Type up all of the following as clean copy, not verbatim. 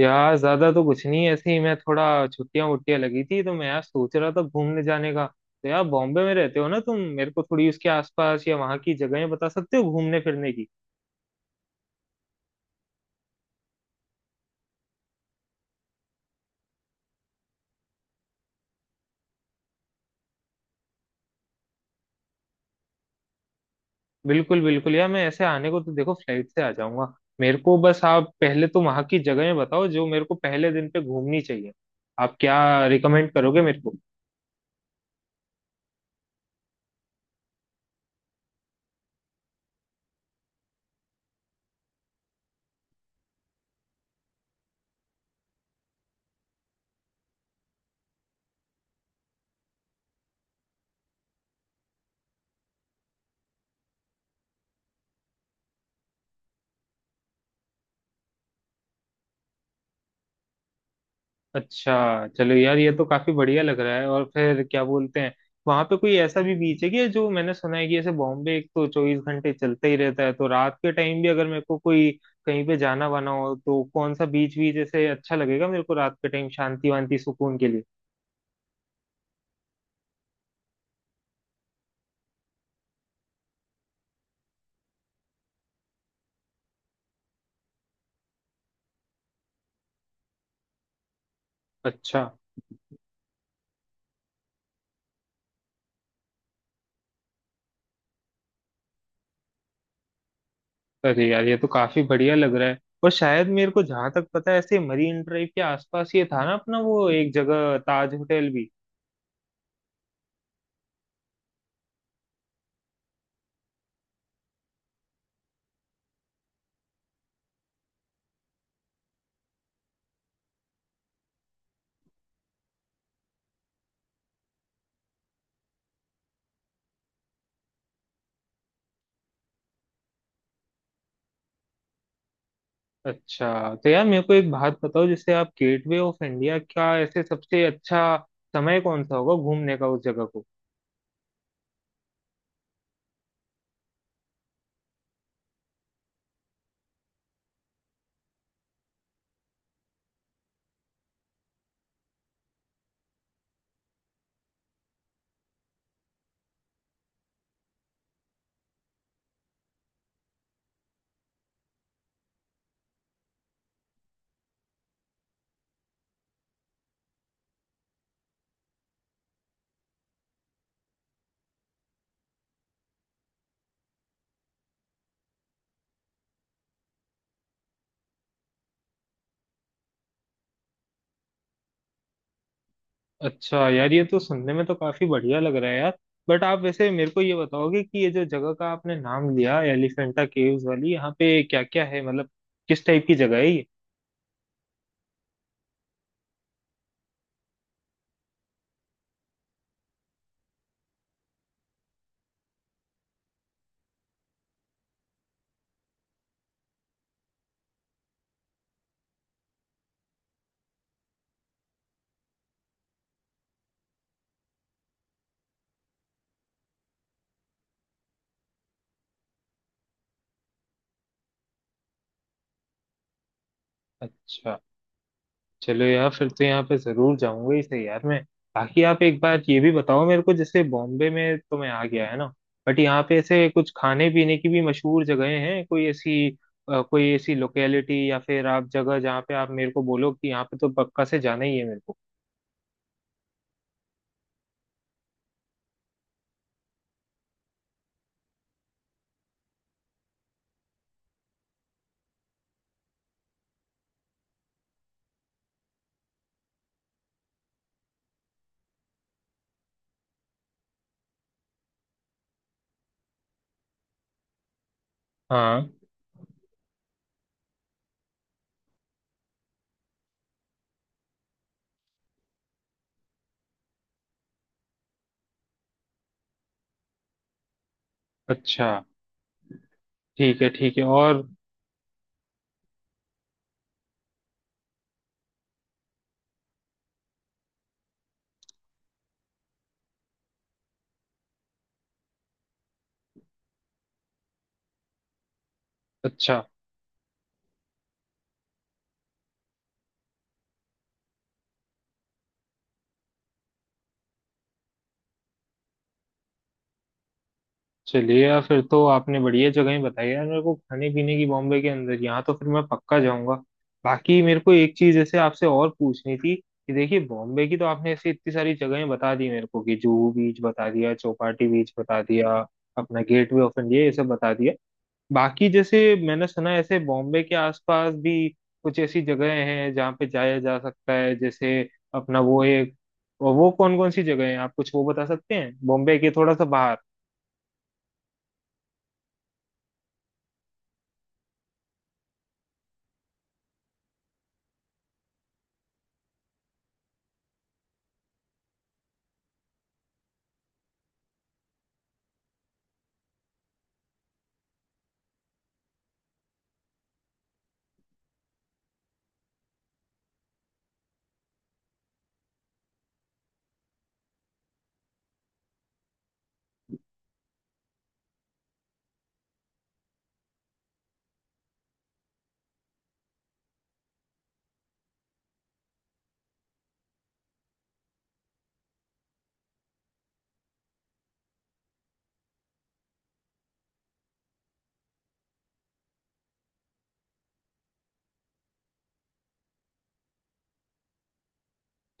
यार ज्यादा तो कुछ नहीं, ऐसे ही। मैं थोड़ा छुट्टियां वुट्टियां लगी थी तो मैं यार सोच रहा था घूमने जाने का। तो यार, बॉम्बे में रहते हो ना तुम, मेरे को थोड़ी उसके आसपास या वहां की जगहें बता सकते हो घूमने फिरने की। बिल्कुल बिल्कुल यार, मैं ऐसे आने को तो देखो फ्लाइट से आ जाऊंगा। मेरे को बस आप पहले तो वहां की जगहें बताओ जो मेरे को पहले दिन पे घूमनी चाहिए। आप क्या रिकमेंड करोगे मेरे को? अच्छा, चलो यार, ये तो काफी बढ़िया लग रहा है। और फिर क्या बोलते हैं, वहां पे कोई ऐसा भी बीच है कि जो मैंने सुना है कि ऐसे बॉम्बे एक तो 24 घंटे चलता ही रहता है, तो रात के टाइम भी अगर मेरे को कोई कहीं पे जाना वाना हो तो कौन सा बीच बीच ऐसे अच्छा लगेगा मेरे को रात के टाइम शांति वांति सुकून के लिए? अच्छा। अरे यार, ये तो काफी बढ़िया लग रहा है। और शायद मेरे को जहां तक पता है, ऐसे मरीन ड्राइव के आसपास ये था ना अपना वो एक जगह, ताज होटल भी। अच्छा तो यार, मेरे को एक बात बताओ, जैसे आप गेटवे ऑफ इंडिया क्या ऐसे सबसे अच्छा समय कौन सा होगा घूमने का उस जगह को? अच्छा यार, ये तो सुनने में तो काफी बढ़िया लग रहा है यार। बट आप वैसे मेरे को ये बताओगे कि ये जो जगह का आपने नाम लिया, एलिफेंटा केव्स वाली, यहाँ पे क्या क्या है, मतलब किस टाइप की जगह है ये? अच्छा, चलो यार फिर तो यहाँ पे जरूर जाऊंगा ही सही यार मैं। बाकी आप एक बार ये भी बताओ मेरे को, जैसे बॉम्बे में तो मैं आ गया है ना, बट यहाँ पे ऐसे कुछ खाने पीने की भी मशहूर जगहें हैं कोई ऐसी? कोई ऐसी लोकेलिटी या फिर आप जगह, जहाँ पे आप मेरे को बोलो कि यहाँ पे तो पक्का से जाना ही है मेरे को। हाँ। अच्छा। ठीक है ठीक है। और? अच्छा। चलिए यार, फिर तो आपने बढ़िया जगह बताई यार मेरे को खाने पीने की बॉम्बे के अंदर, यहाँ तो फिर मैं पक्का जाऊंगा। बाकी मेरे को एक चीज जैसे आपसे और पूछनी थी कि देखिए, बॉम्बे की तो आपने ऐसी इतनी सारी जगहें बता दी मेरे को कि जुहू बीच बता दिया, चौपाटी बीच बता दिया, अपना गेटवे ऑफ इंडिया ये सब बता दिया। बाकी जैसे मैंने सुना है ऐसे बॉम्बे के आसपास भी कुछ ऐसी जगहें हैं जहाँ पे जाया जा सकता है, जैसे अपना वो एक। वो कौन कौन सी जगह है, आप कुछ वो बता सकते हैं, बॉम्बे के थोड़ा सा बाहर?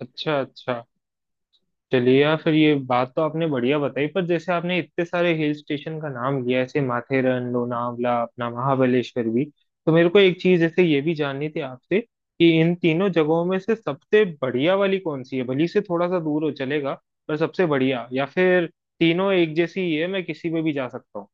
अच्छा अच्छा। चलिए यार, फिर ये बात तो आपने बढ़िया बताई। पर जैसे आपने इतने सारे हिल स्टेशन का नाम लिया, ऐसे माथेरन, लोनावला, अपना महाबलेश्वर भी, तो मेरे को एक चीज जैसे ये भी जाननी थी आपसे कि इन तीनों जगहों में से सबसे बढ़िया वाली कौन सी है? भली से थोड़ा सा दूर हो चलेगा, पर सबसे बढ़िया, या फिर तीनों एक जैसी ही है, मैं किसी पे भी जा सकता हूँ?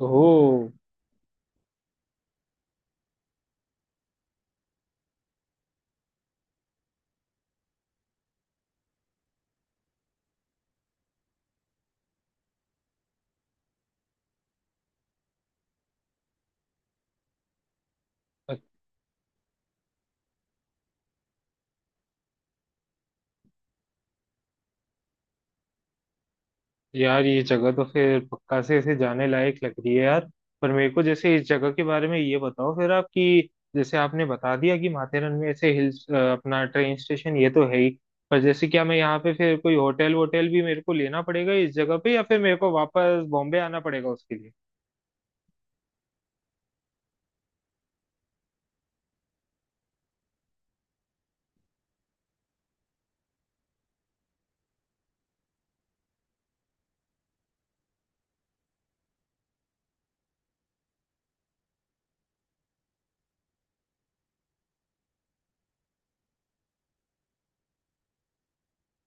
ओह। यार ये जगह तो फिर पक्का से इसे जाने लायक लग रही है यार। पर मेरे को जैसे इस जगह के बारे में ये बताओ फिर आप कि जैसे आपने बता दिया कि माथेरन में ऐसे हिल्स, अपना ट्रेन स्टेशन ये तो है ही, पर जैसे क्या मैं यहाँ पे फिर कोई होटल वोटल भी मेरे को लेना पड़ेगा इस जगह पे, या फिर मेरे को वापस बॉम्बे आना पड़ेगा उसके लिए?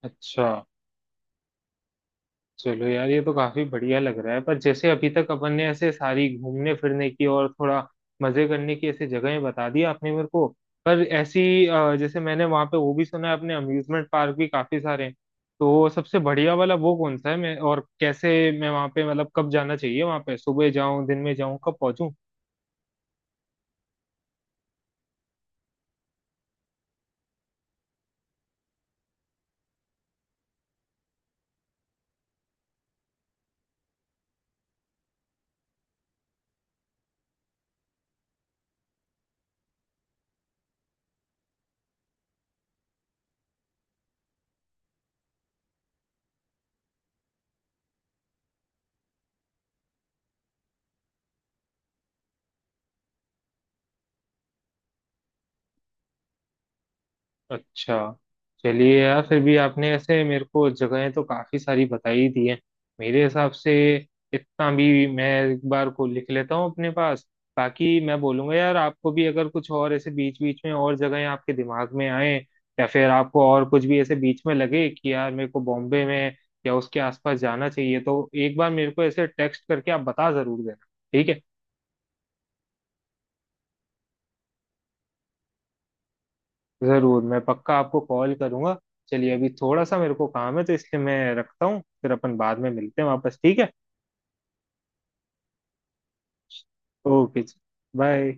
अच्छा। चलो यार, ये तो काफी बढ़िया लग रहा है। पर जैसे अभी तक अपन ने ऐसे सारी घूमने फिरने की और थोड़ा मजे करने की ऐसे जगहें बता दी आपने मेरे को, पर ऐसी जैसे मैंने वहां पे वो भी सुना है अपने अम्यूजमेंट पार्क भी काफी सारे हैं, तो सबसे बढ़िया वाला वो कौन सा है? मैं और कैसे, मैं वहां पे, मतलब कब जाना चाहिए वहां पे, सुबह जाऊं, दिन में जाऊं, कब पहुंचूं? अच्छा। चलिए यार, फिर भी आपने ऐसे मेरे को जगहें तो काफी सारी बताई ही दी हैं मेरे हिसाब से। इतना भी मैं एक बार को लिख लेता हूँ अपने पास, ताकि मैं बोलूंगा यार आपको भी, अगर कुछ और ऐसे बीच बीच में और जगहें आपके दिमाग में आए या फिर आपको और कुछ भी ऐसे बीच में लगे कि यार मेरे को बॉम्बे में या उसके आसपास जाना चाहिए, तो एक बार मेरे को ऐसे टेक्स्ट करके आप बता जरूर देना। ठीक है? जरूर, मैं पक्का आपको कॉल करूंगा। चलिए अभी थोड़ा सा मेरे को काम है तो इसलिए मैं रखता हूँ, फिर अपन बाद में मिलते हैं वापस, ठीक है? ओके। बाय।